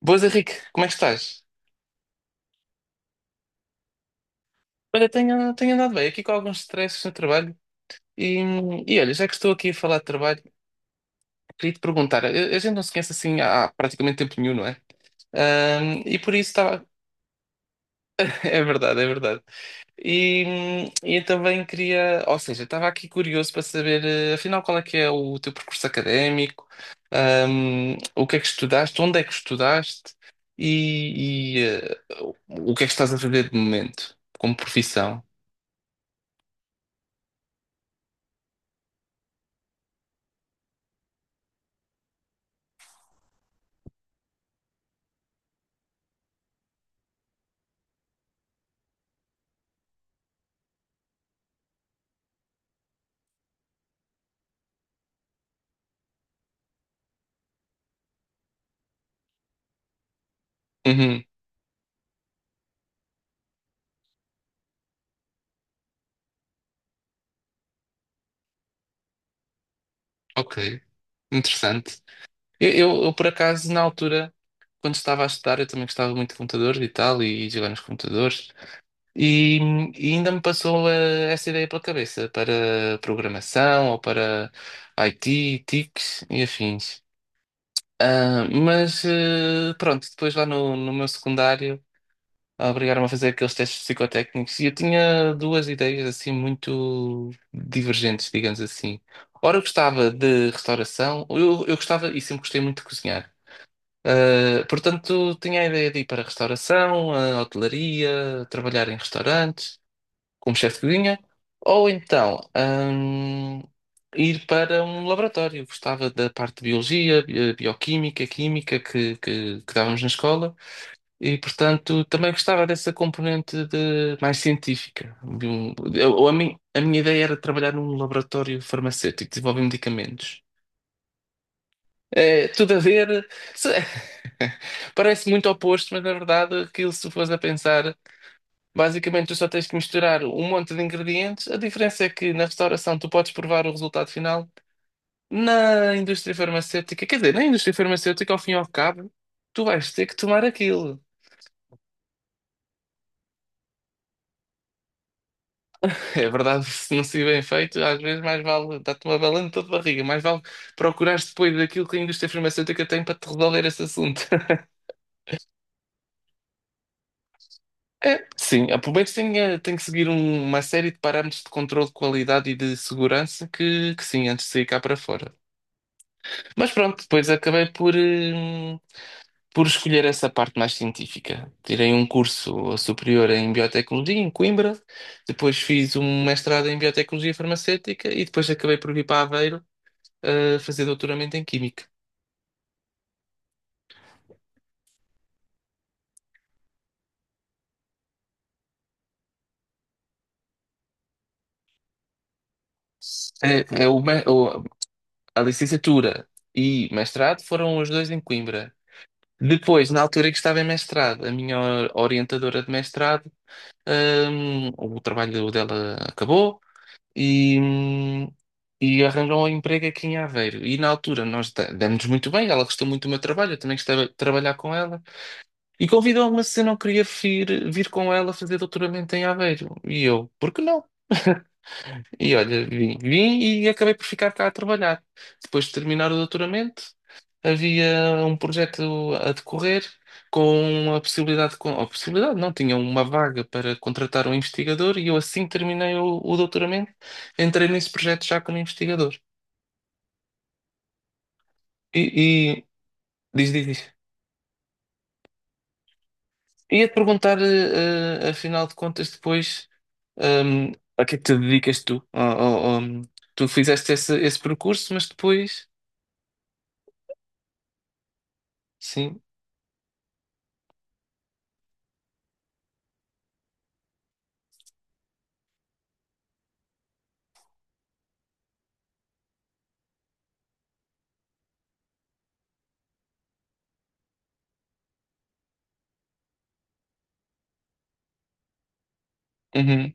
Boas, Henrique, como é que estás? Olha, tenho andado bem aqui com alguns stresses no trabalho e, e olha, já que estou aqui a falar de trabalho, queria te perguntar, a gente não se conhece assim há, praticamente tempo nenhum, não é? E por isso estava. É verdade, é verdade. E eu também queria, ou seja, estava aqui curioso para saber, afinal, qual é que é o teu percurso académico, o que é que estudaste, onde é que estudaste e o que é que estás a fazer de momento, como profissão? Uhum. Ok, interessante. Eu, por acaso, na altura, quando estava a estudar, eu também gostava muito de computadores e tal, de jogar nos computadores, e, e ainda me passou essa ideia pela cabeça para programação ou para IT, TICs e afins. Ah, mas pronto, depois lá no meu secundário obrigaram-me a fazer aqueles testes psicotécnicos e eu tinha duas ideias assim muito divergentes, digamos assim. Ora, eu gostava de restauração, eu gostava e sempre gostei muito de cozinhar. Ah, portanto, tinha a ideia de ir para a restauração, a hotelaria, trabalhar em restaurantes, como chefe de cozinha, ou então, ir para um laboratório. Gostava da parte de biologia, bioquímica, química que dávamos na escola. E, portanto, também gostava dessa componente de mais científica. De um- eu- ou a, mim, a minha ideia era trabalhar num laboratório farmacêutico, desenvolver medicamentos. É, tudo a ver. se- Parece muito oposto, mas na verdade, aquilo, se fores a pensar, basicamente tu só tens que misturar um monte de ingredientes. A diferença é que na restauração tu podes provar o resultado final. Na indústria farmacêutica, quer dizer, na indústria farmacêutica, ao fim e ao cabo, tu vais ter que tomar aquilo. É verdade, se não se bem feito, às vezes mais vale dar-te uma balanta de barriga, mais vale procurares depois daquilo que a indústria farmacêutica tem para te resolver esse assunto. É, sim, a Pubex tem que seguir uma série de parâmetros de controle de qualidade e de segurança que sim, antes de sair cá para fora. Mas pronto, depois acabei por escolher essa parte mais científica. Tirei um curso superior em biotecnologia em Coimbra, depois fiz um mestrado em biotecnologia farmacêutica e depois acabei por vir para Aveiro a fazer doutoramento em Química. É. A licenciatura e mestrado foram os dois em Coimbra. Depois, na altura em que estava em mestrado, a minha orientadora de mestrado, o trabalho dela acabou e, hum, e arranjou um emprego aqui em Aveiro. E na altura nós demos muito bem, ela gostou muito do meu trabalho, eu também gostava de trabalhar com ela. E convidou-me se eu não queria vir, com ela fazer doutoramento em Aveiro. E eu, por que não? E olha, vim e acabei por ficar cá a trabalhar. Depois de terminar o doutoramento, havia um projeto a decorrer com, a possibilidade não, tinha uma vaga para contratar um investigador e eu assim que terminei o doutoramento, entrei nesse projeto já como investigador. E, e- diz, diz, diz. Ia-te perguntar, afinal de contas, depois, a que é que te dedicas tu? Tu fizeste esse, percurso, mas depois, sim. Uhum.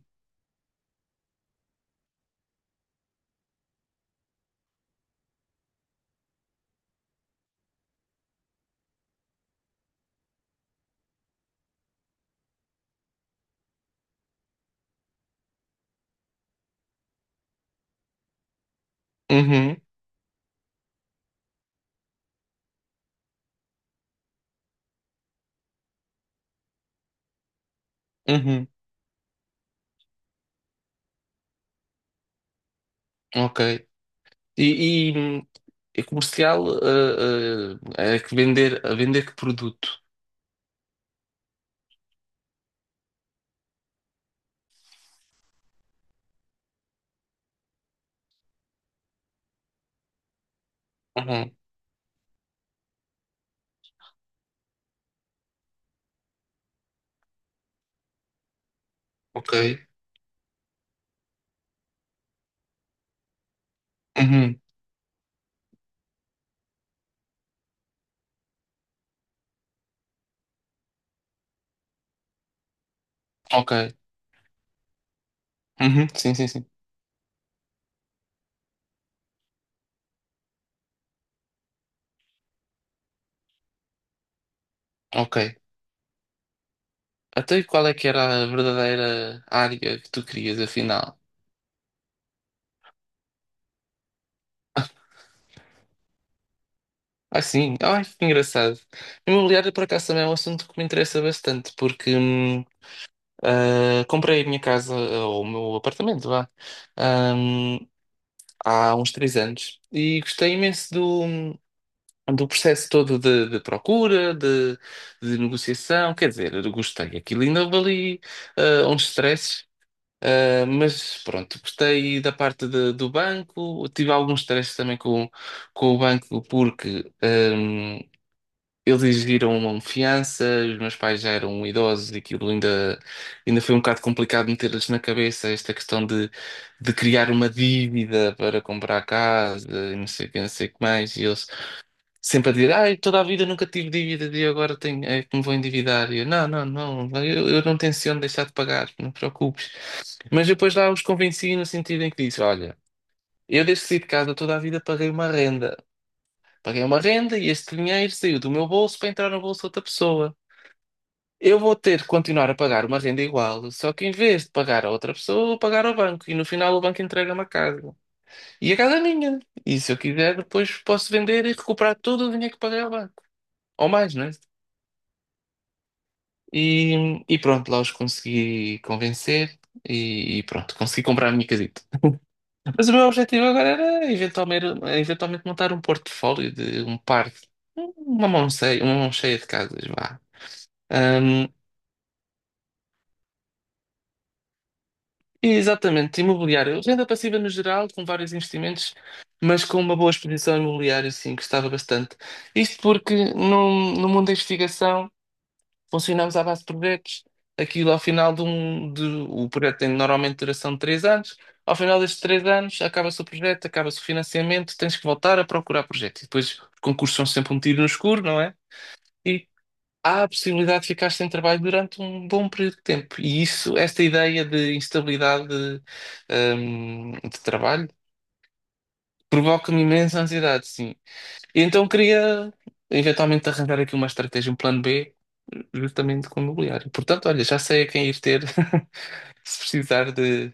Uhum. Uhum, ok. E, e, e comercial é que a vender que produto? Uhum, ok. Uhum, ok. Uhum, sim, sim, sim. Ok. Até qual é que era a verdadeira área que tu querias, afinal? Ah, sim. Ai, que engraçado. Imobiliário, por acaso, também é um assunto que me interessa bastante, porque comprei a minha casa, ou o meu apartamento, vá, hum, há uns 3 anos. E gostei imenso do processo todo de, procura, de negociação, quer dizer, eu gostei. Aquilo ainda ali uns stresses, mas pronto, gostei da parte do banco. Tive alguns stresses também com o banco porque eles exigiram uma fiança, os meus pais já eram idosos e aquilo ainda foi um bocado complicado meter-lhes na cabeça esta questão de criar uma dívida para comprar casa e não sei o que, não sei o que mais. E eles sempre a dizer, ai, toda a vida nunca tive dívidas e agora tenho, é que me vou endividar. E eu, não, não, não, eu não tenciono deixar de pagar, não te preocupes. Mas depois lá os convenci no sentido em que disse, olha, eu desde que saí de casa toda a vida paguei uma renda. Paguei uma renda e este dinheiro saiu do meu bolso para entrar no bolso de outra pessoa. Eu vou ter que continuar a pagar uma renda igual, só que em vez de pagar a outra pessoa, vou pagar ao banco e no final o banco entrega-me a casa. E a casa é minha. E se eu quiser, depois posso vender e recuperar todo o dinheiro que paguei ao banco. Ou mais, né? E pronto, lá os consegui convencer e pronto, consegui comprar a minha casita. Mas o meu objetivo agora era eventualmente, eventualmente montar um portfólio de uma mão cheia de casas, vá. Ahm, e exatamente, imobiliário, renda passiva no geral, com vários investimentos, mas com uma boa exposição imobiliária, sim, gostava bastante. Isto porque no mundo da investigação. Funcionamos à base de projetos. Aquilo ao final de um. O projeto tem normalmente duração de 3 anos. Ao final destes 3 anos, acaba-se o projeto, acaba-se o financiamento, tens que voltar a procurar projeto. E depois os concursos são sempre um tiro no escuro, não é? E há a possibilidade de ficar sem trabalho durante um bom período de tempo. E isso, esta ideia de instabilidade de trabalho, provoca-me imensa ansiedade, sim. E então queria eventualmente arranjar aqui uma estratégia, um plano B, justamente com o imobiliário. Portanto, olha, já sei a quem ir ter se precisar de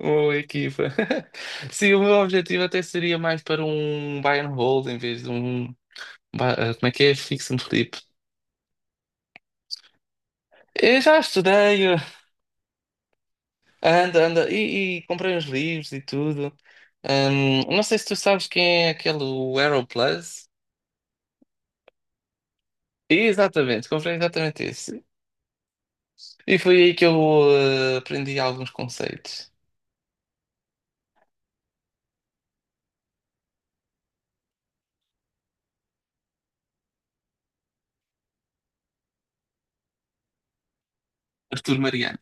uma equipa. Sim, o meu objetivo até seria mais para um buy and hold em vez de um. Como é que é? Fix and flip. Eu já estudei, anda, anda, e comprei uns livros e tudo. Não sei se tu sabes quem é aquele o Aeroplus. Exatamente, comprei exatamente esse. E foi aí que eu aprendi alguns conceitos. Arthur Mariano.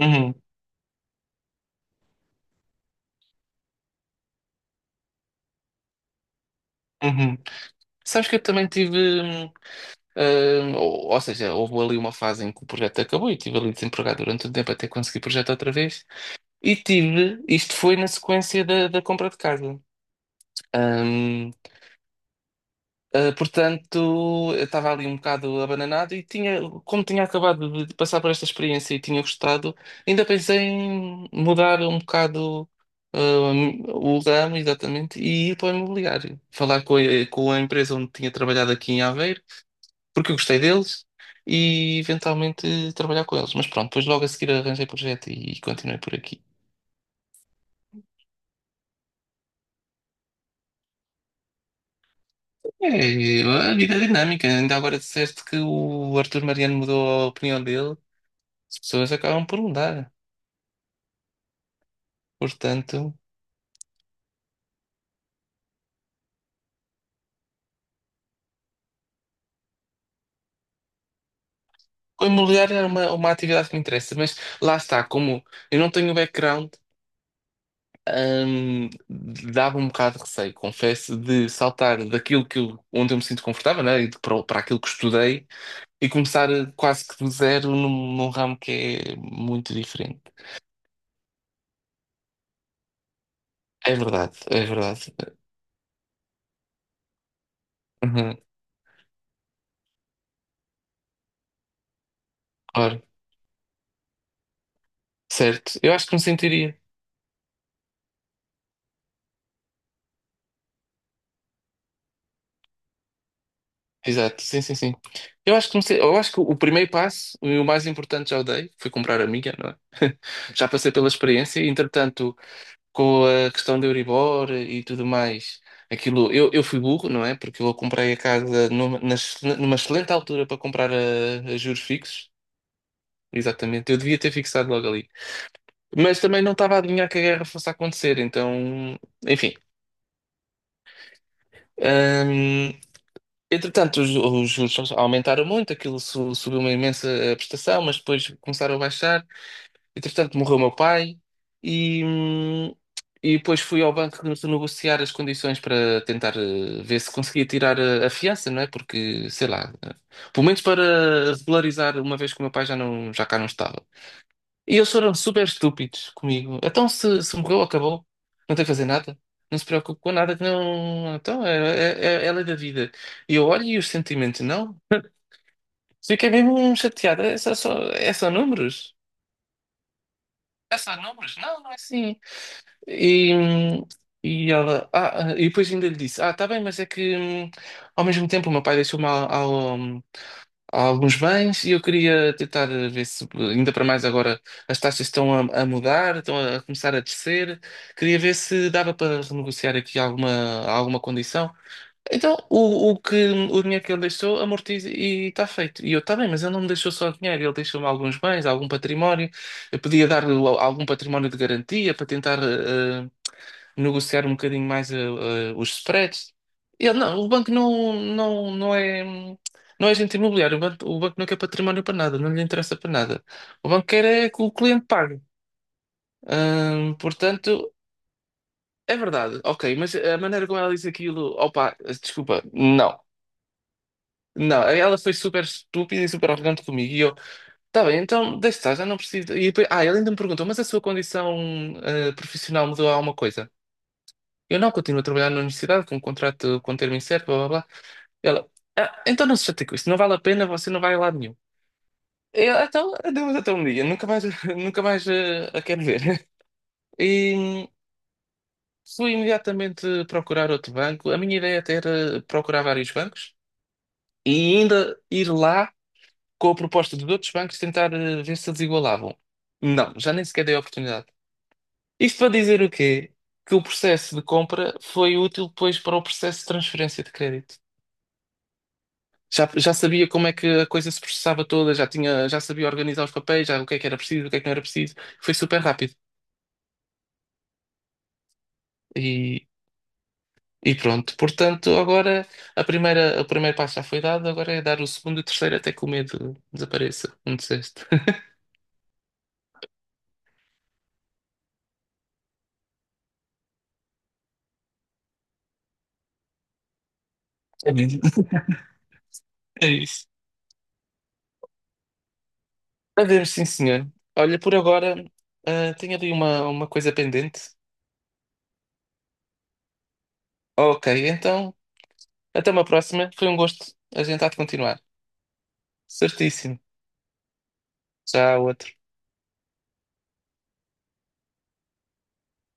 Uhum, uhum. Sabes que eu também tive. Ou seja, houve ali uma fase em que o projeto acabou e estive ali desempregado durante um tempo até conseguir o projeto outra vez. E tive. Isto foi na sequência da compra de casa. Hum, portanto, eu estava ali um bocado abananado e tinha, como tinha acabado de passar por esta experiência e tinha gostado, ainda pensei em mudar um bocado o ramo, exatamente, e ir para o imobiliário. Falar com a empresa onde tinha trabalhado aqui em Aveiro, porque eu gostei deles, e eventualmente trabalhar com eles. Mas pronto, depois logo a seguir arranjei projeto e continuei por aqui. É, a vida é dinâmica. Ainda agora disseste que o Arthur Mariano mudou a opinião dele. As pessoas acabam por mudar. Portanto, o imobiliário é uma, atividade que me interessa, mas lá está, como eu não tenho background, hum, dava um bocado de receio, confesso, de saltar daquilo que onde eu me sinto confortável, né, e para aquilo que estudei e começar quase que do zero num ramo que é muito diferente. É verdade, é verdade. Uhum. Ora, certo, eu acho que me sentiria. Exato, sim, sim, sim. Eu acho que o primeiro passo, e o mais importante já o dei, foi comprar a minha, não é? Já passei pela experiência, e, entretanto, com a questão do Euribor e tudo mais, aquilo, eu fui burro, não é? Porque eu comprei a casa numa excelente altura para comprar a juros fixos, exatamente, eu devia ter fixado logo ali. Mas também não estava a adivinhar que a guerra fosse acontecer, então, enfim. Hum, Entretanto, os juros aumentaram muito, aquilo subiu uma imensa prestação, mas depois começaram a baixar. Entretanto, morreu meu pai e, hum, e depois fui ao banco renegociar as condições para tentar ver se conseguia tirar a fiança, não é? Porque, sei lá, pelo menos para regularizar, uma vez que o meu pai já, não, já cá não estava. E eles foram super estúpidos comigo. Então, se morreu, acabou. Não tem que fazer nada. Não se preocupe com nada que não. Então, é a lei da vida. E eu olho e os sentimentos, não. Fiquei mesmo chateada. É só números? É só números? Não, não é assim. E, hum, e ela. Ah, e depois ainda lhe disse: Ah, tá bem, mas é que ao mesmo tempo o meu pai deixou-me há alguns bens e eu queria tentar ver se, ainda para mais agora, as taxas estão a mudar, estão a começar a descer. Queria ver se dava para renegociar aqui alguma condição. Então, o dinheiro que ele deixou, amortiza e está feito. E eu, está bem, mas ele não me deixou só dinheiro, ele deixou-me alguns bens, algum património. Eu podia dar-lhe algum património de garantia para tentar, negociar um bocadinho mais os spreads. Ele, não, o banco não, não, não é, não é agente imobiliário, o banco não quer património para nada, não lhe interessa para nada. O banco quer é que o cliente pague. Portanto, é verdade, ok, mas a maneira como ela diz aquilo, opa, desculpa, não. Não, ela foi super estúpida e super arrogante comigo. E eu, tá bem, então deixa estar, já não preciso. E depois, ele ainda me perguntou, mas a sua condição profissional mudou alguma coisa? Eu não continuo a trabalhar na universidade com um contrato com um termo incerto, blá blá blá. Ela, então não se chate com isso, não vale a pena, você não vai a lado nenhum. Eu, "Ah, então, adeus até um dia, nunca mais, nunca mais a quero ver. E fui imediatamente procurar outro banco. A minha ideia até era procurar vários bancos e ainda ir lá com a proposta de outros bancos tentar ver se eles igualavam. Não, já nem sequer dei a oportunidade. Isto para dizer o quê? Que o processo de compra foi útil depois para o processo de transferência de crédito. Já sabia como é que a coisa se processava toda, já sabia organizar os papéis, já o que é que era preciso, o que é que não era preciso. Foi super rápido. E, e pronto. Portanto, agora a primeira, o primeiro passo já foi dado, agora é dar o segundo e o terceiro até que o medo desapareça. Não disseste? É mesmo. É isso. A ver, sim, senhor. Olha, por agora, tenho ali uma, coisa pendente. Ok, então, até uma próxima. Foi um gosto. A gente há de continuar. Certíssimo. Tchau, outro.